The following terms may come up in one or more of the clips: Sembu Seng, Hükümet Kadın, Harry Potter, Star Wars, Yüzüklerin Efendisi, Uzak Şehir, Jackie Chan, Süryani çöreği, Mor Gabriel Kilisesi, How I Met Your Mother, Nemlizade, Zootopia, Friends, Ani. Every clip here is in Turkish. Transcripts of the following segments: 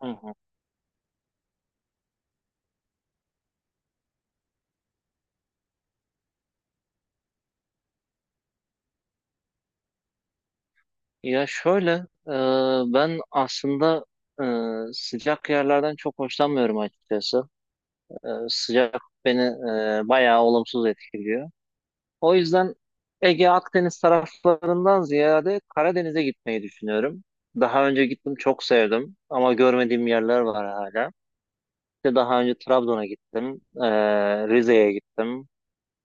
Hı hı. Ya şöyle, e, ben aslında sıcak yerlerden çok hoşlanmıyorum açıkçası. Sıcak beni bayağı olumsuz etkiliyor. O yüzden Ege Akdeniz taraflarından ziyade Karadeniz'e gitmeyi düşünüyorum. Daha önce gittim, çok sevdim ama görmediğim yerler var hala. İşte daha önce Trabzon'a gittim, Rize'ye gittim.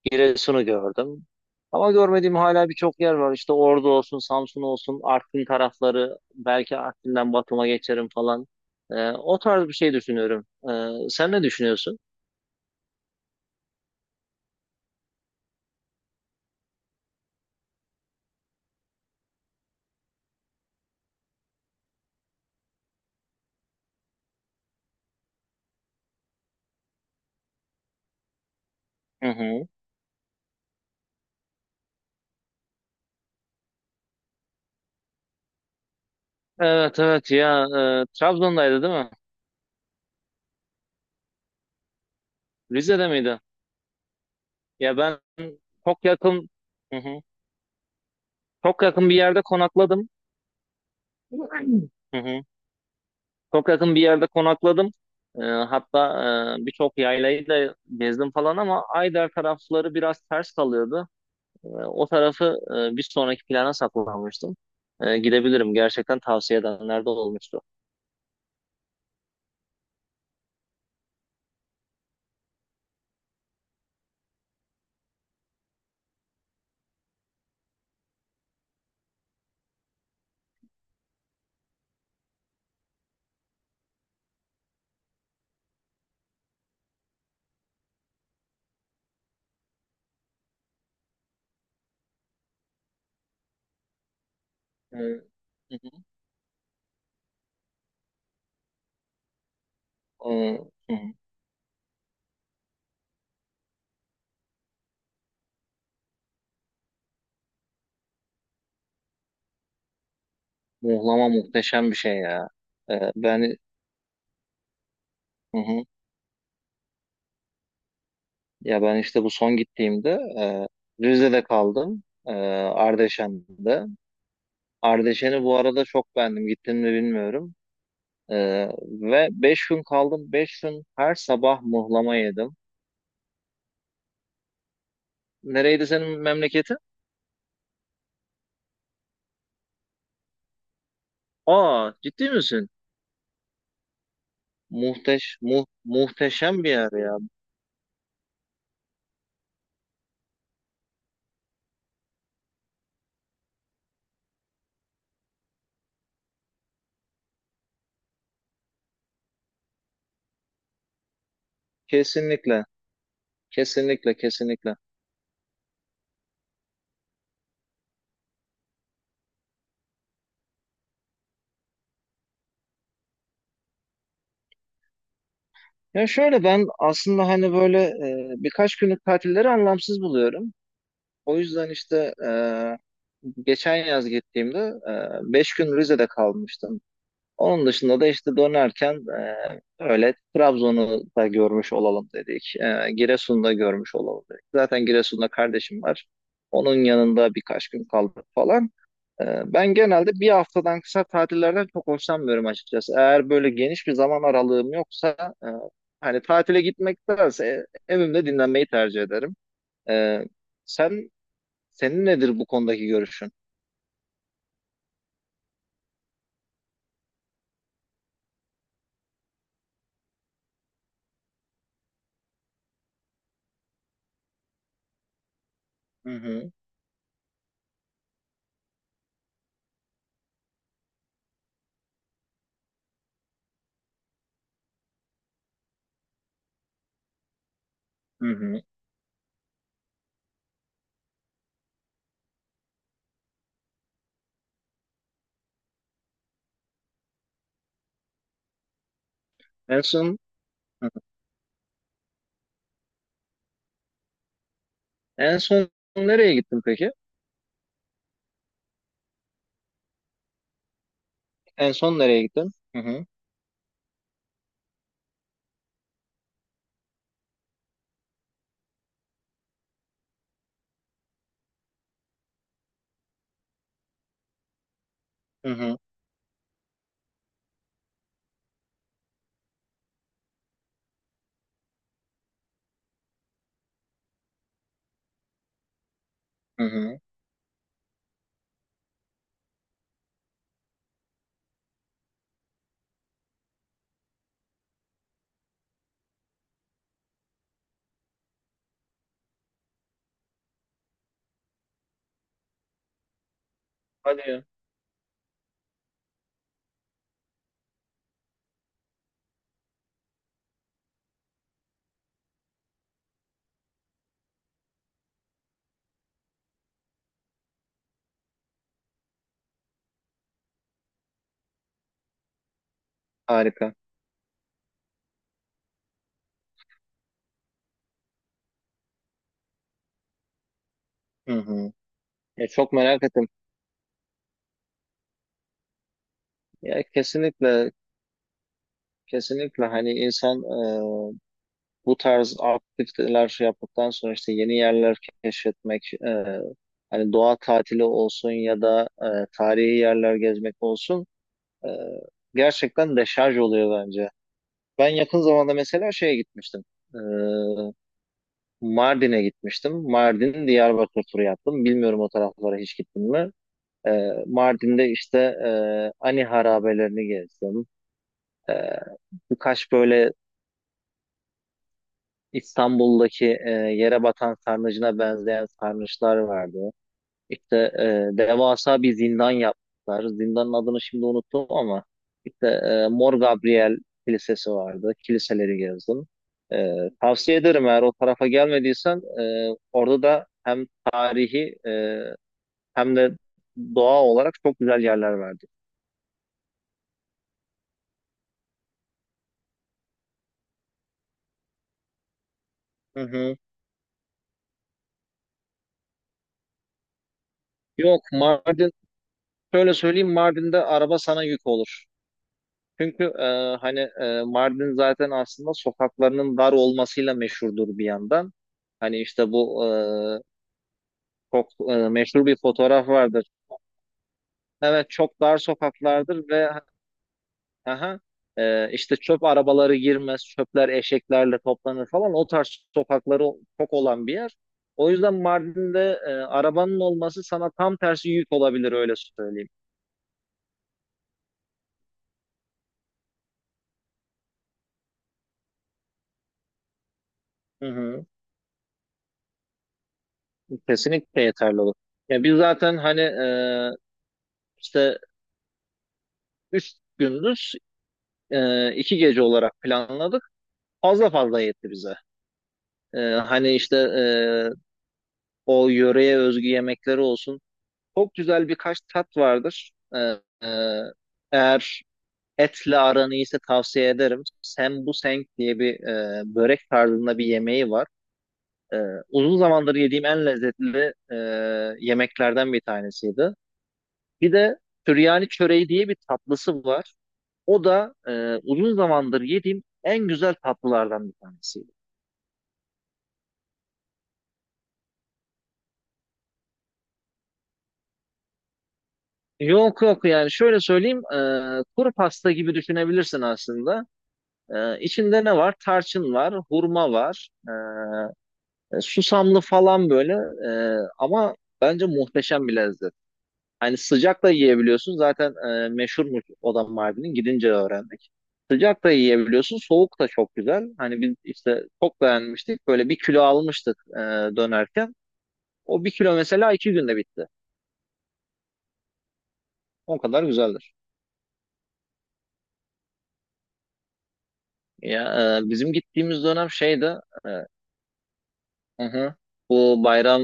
Giresun'u gördüm. Ama görmediğim hala birçok yer var. İşte Ordu olsun, Samsun olsun, Artvin tarafları, belki Artvin'den Batum'a geçerim falan. O tarz bir şey düşünüyorum. Sen ne düşünüyorsun? Hı hı. Evet evet, ya, Trabzon'daydı değil mi? Rize'de miydi? Ya ben çok yakın, hı hı, çok yakın bir yerde konakladım. Hı hı. Çok yakın bir yerde konakladım. Hatta birçok yaylayı da gezdim falan ama Ayder tarafları biraz ters kalıyordu. O tarafı bir sonraki plana saklamıştım. Gidebilirim. Gerçekten tavsiye edenler de olmuştu. Hı hı. E, hı hı. Muğlama muhteşem bir şey ya. Ben, hı hı. Ya ben işte bu son gittiğimde Rize'de kaldım. Ardeşen'de. Ardeşen'i bu arada çok beğendim. Gittim mi bilmiyorum. E, Ve 5 gün kaldım. Beş gün her sabah muhlama yedim. Nereydi senin memleketin? Aa, ciddi misin? Muhteşem bir yer ya. Kesinlikle, kesinlikle, kesinlikle. Ya şöyle, ben aslında hani böyle birkaç günlük tatilleri anlamsız buluyorum. O yüzden işte geçen yaz gittiğimde e, beş gün Rize'de kalmıştım. Onun dışında da işte dönerken öyle Trabzon'u da görmüş olalım dedik. Giresun'u da görmüş olalım dedik. Zaten Giresun'da kardeşim var. Onun yanında birkaç gün kaldık falan. E, Ben genelde bir haftadan kısa tatillerden çok hoşlanmıyorum açıkçası. Eğer böyle geniş bir zaman aralığım yoksa e, hani tatile gitmektense evimde dinlenmeyi tercih ederim. E, sen senin nedir bu konudaki görüşün? Hı hı, hı hı. En son hı. En son nereye gittin peki? En son nereye gittin? Hı hı, hı hı, hı hı. Hadi ya. Harika. Hı hı. Ya çok merak ettim. Ya kesinlikle, kesinlikle, hani insan bu tarz aktiviteler şey yaptıktan sonra işte yeni yerler keşfetmek, hani doğa tatili olsun ya da tarihi yerler gezmek olsun, e, gerçekten deşarj oluyor bence. Ben yakın zamanda mesela şeye gitmiştim. E, Mardin'e gitmiştim. Mardin Diyarbakır turu yaptım. Bilmiyorum o taraflara hiç gittim mi? E, Mardin'de işte Ani harabelerini gezdim. E, Birkaç böyle İstanbul'daki yere batan sarnıcına benzeyen sarnıçlar vardı. İşte devasa bir zindan yaptılar. Zindanın adını şimdi unuttum ama işte Mor Gabriel Kilisesi vardı. Kiliseleri gezdim. E, Tavsiye ederim, eğer o tarafa gelmediysen orada da hem tarihi, hem de doğa olarak çok güzel yerler vardı. Hı hı. Yok, Mardin, şöyle söyleyeyim, Mardin'de araba sana yük olur. Çünkü hani, Mardin zaten aslında sokaklarının dar olmasıyla meşhurdur bir yandan. Hani işte bu çok meşhur bir fotoğraf vardır. Evet, çok dar sokaklardır ve, aha, işte çöp arabaları girmez, çöpler eşeklerle toplanır falan. O tarz sokakları çok olan bir yer. O yüzden Mardin'de arabanın olması sana tam tersi yük olabilir, öyle söyleyeyim. Hı hı, kesinlikle yeterli olur. Ya biz zaten hani işte üç gündüz, iki gece olarak planladık. Fazla fazla yetti bize. Hani işte o yöreye özgü yemekleri olsun. Çok güzel birkaç tat vardır. E, Eğer etle aran iyiyse tavsiye ederim. Sembu Seng diye bir, börek tarzında bir yemeği var. E, Uzun zamandır yediğim en lezzetli yemeklerden bir tanesiydi. Bir de Süryani çöreği diye bir tatlısı var. O da uzun zamandır yediğim en güzel tatlılardan bir tanesi. Yok yok, yani şöyle söyleyeyim, kuru pasta gibi düşünebilirsin aslında. İçinde ne var? Tarçın var, hurma var, susamlı falan böyle. Ama bence muhteşem bir lezzet. Hani sıcak da yiyebiliyorsun zaten, meşhurmuş oda Mardin'in, gidince öğrendik. Sıcak da yiyebiliyorsun, soğuk da çok güzel. Hani biz işte çok beğenmiştik, böyle bir kilo almıştık dönerken. O bir kilo mesela iki günde bitti. O kadar güzeldir. Ya, bizim gittiğimiz dönem şeydi. e, hı hı, bu bayram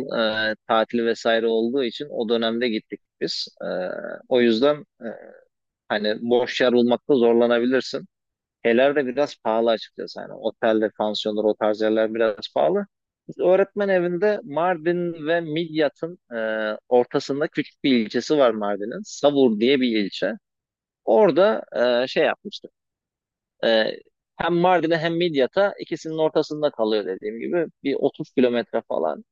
tatili vesaire olduğu için o dönemde gittik biz. O yüzden hani boş yer bulmakta zorlanabilirsin. Şeyler de biraz pahalı açıkçası. Yani otelde, pansiyonlar, o tarz yerler biraz pahalı. Biz öğretmen evinde, Mardin ve Midyat'ın ortasında, küçük bir ilçesi var Mardin'in. Savur diye bir ilçe. Orada şey yapmıştık. Ee, Hem Mardin'e hem Midyat'a, ikisinin ortasında kalıyor dediğim gibi. Bir 30 kilometre falan.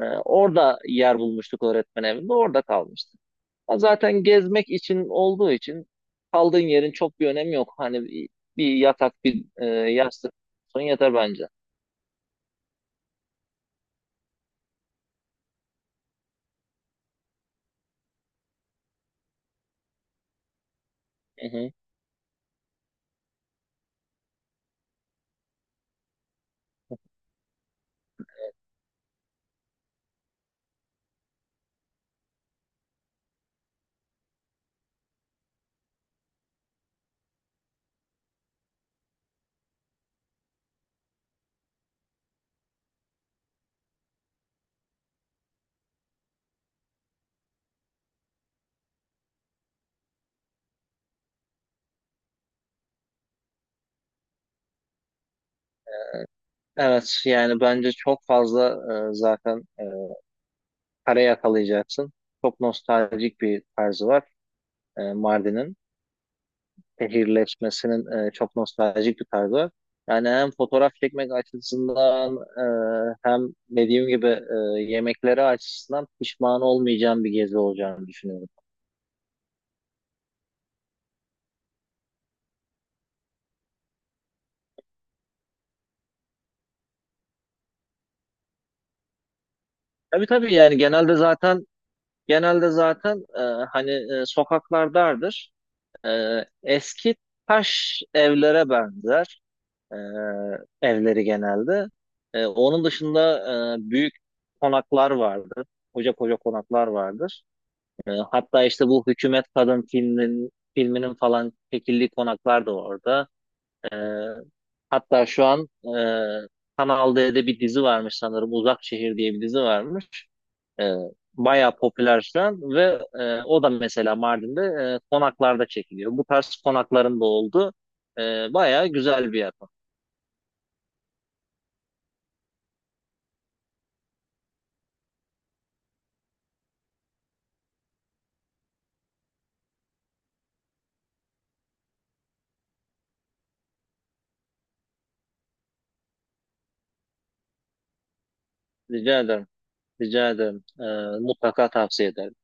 Orada yer bulmuştuk öğretmen evinde. Orada kalmıştık. Ha, zaten gezmek için olduğu için kaldığın yerin çok bir önemi yok. Hani bir yatak, bir, yastık son yeter bence. Hı hı. Evet, yani bence çok fazla, zaten para yakalayacaksın. Çok nostaljik bir tarzı var Mardin'in. Şehirleşmesinin çok nostaljik bir tarzı var. Yani hem fotoğraf çekmek açısından, hem dediğim gibi yemekleri açısından pişman olmayacağım bir gezi olacağını düşünüyorum. Tabii tabii, yani genelde zaten hani sokaklar dardır. E, Eski taş evlere benzer e, evleri genelde. Onun dışında büyük konaklar vardır. Koca koca konaklar vardır. Hatta işte bu Hükümet Kadın filminin falan çekildiği konaklar da orada. E, Hatta şu an e, Kanal D'de bir dizi varmış sanırım. Uzak Şehir diye bir dizi varmış. E, Bayağı popüler şu an ve o da mesela Mardin'de konaklarda çekiliyor. Bu tarz konakların da oldu. Bayağı güzel bir yapım. Rica ederim. Rica ederim. Mutlaka tavsiye ederim.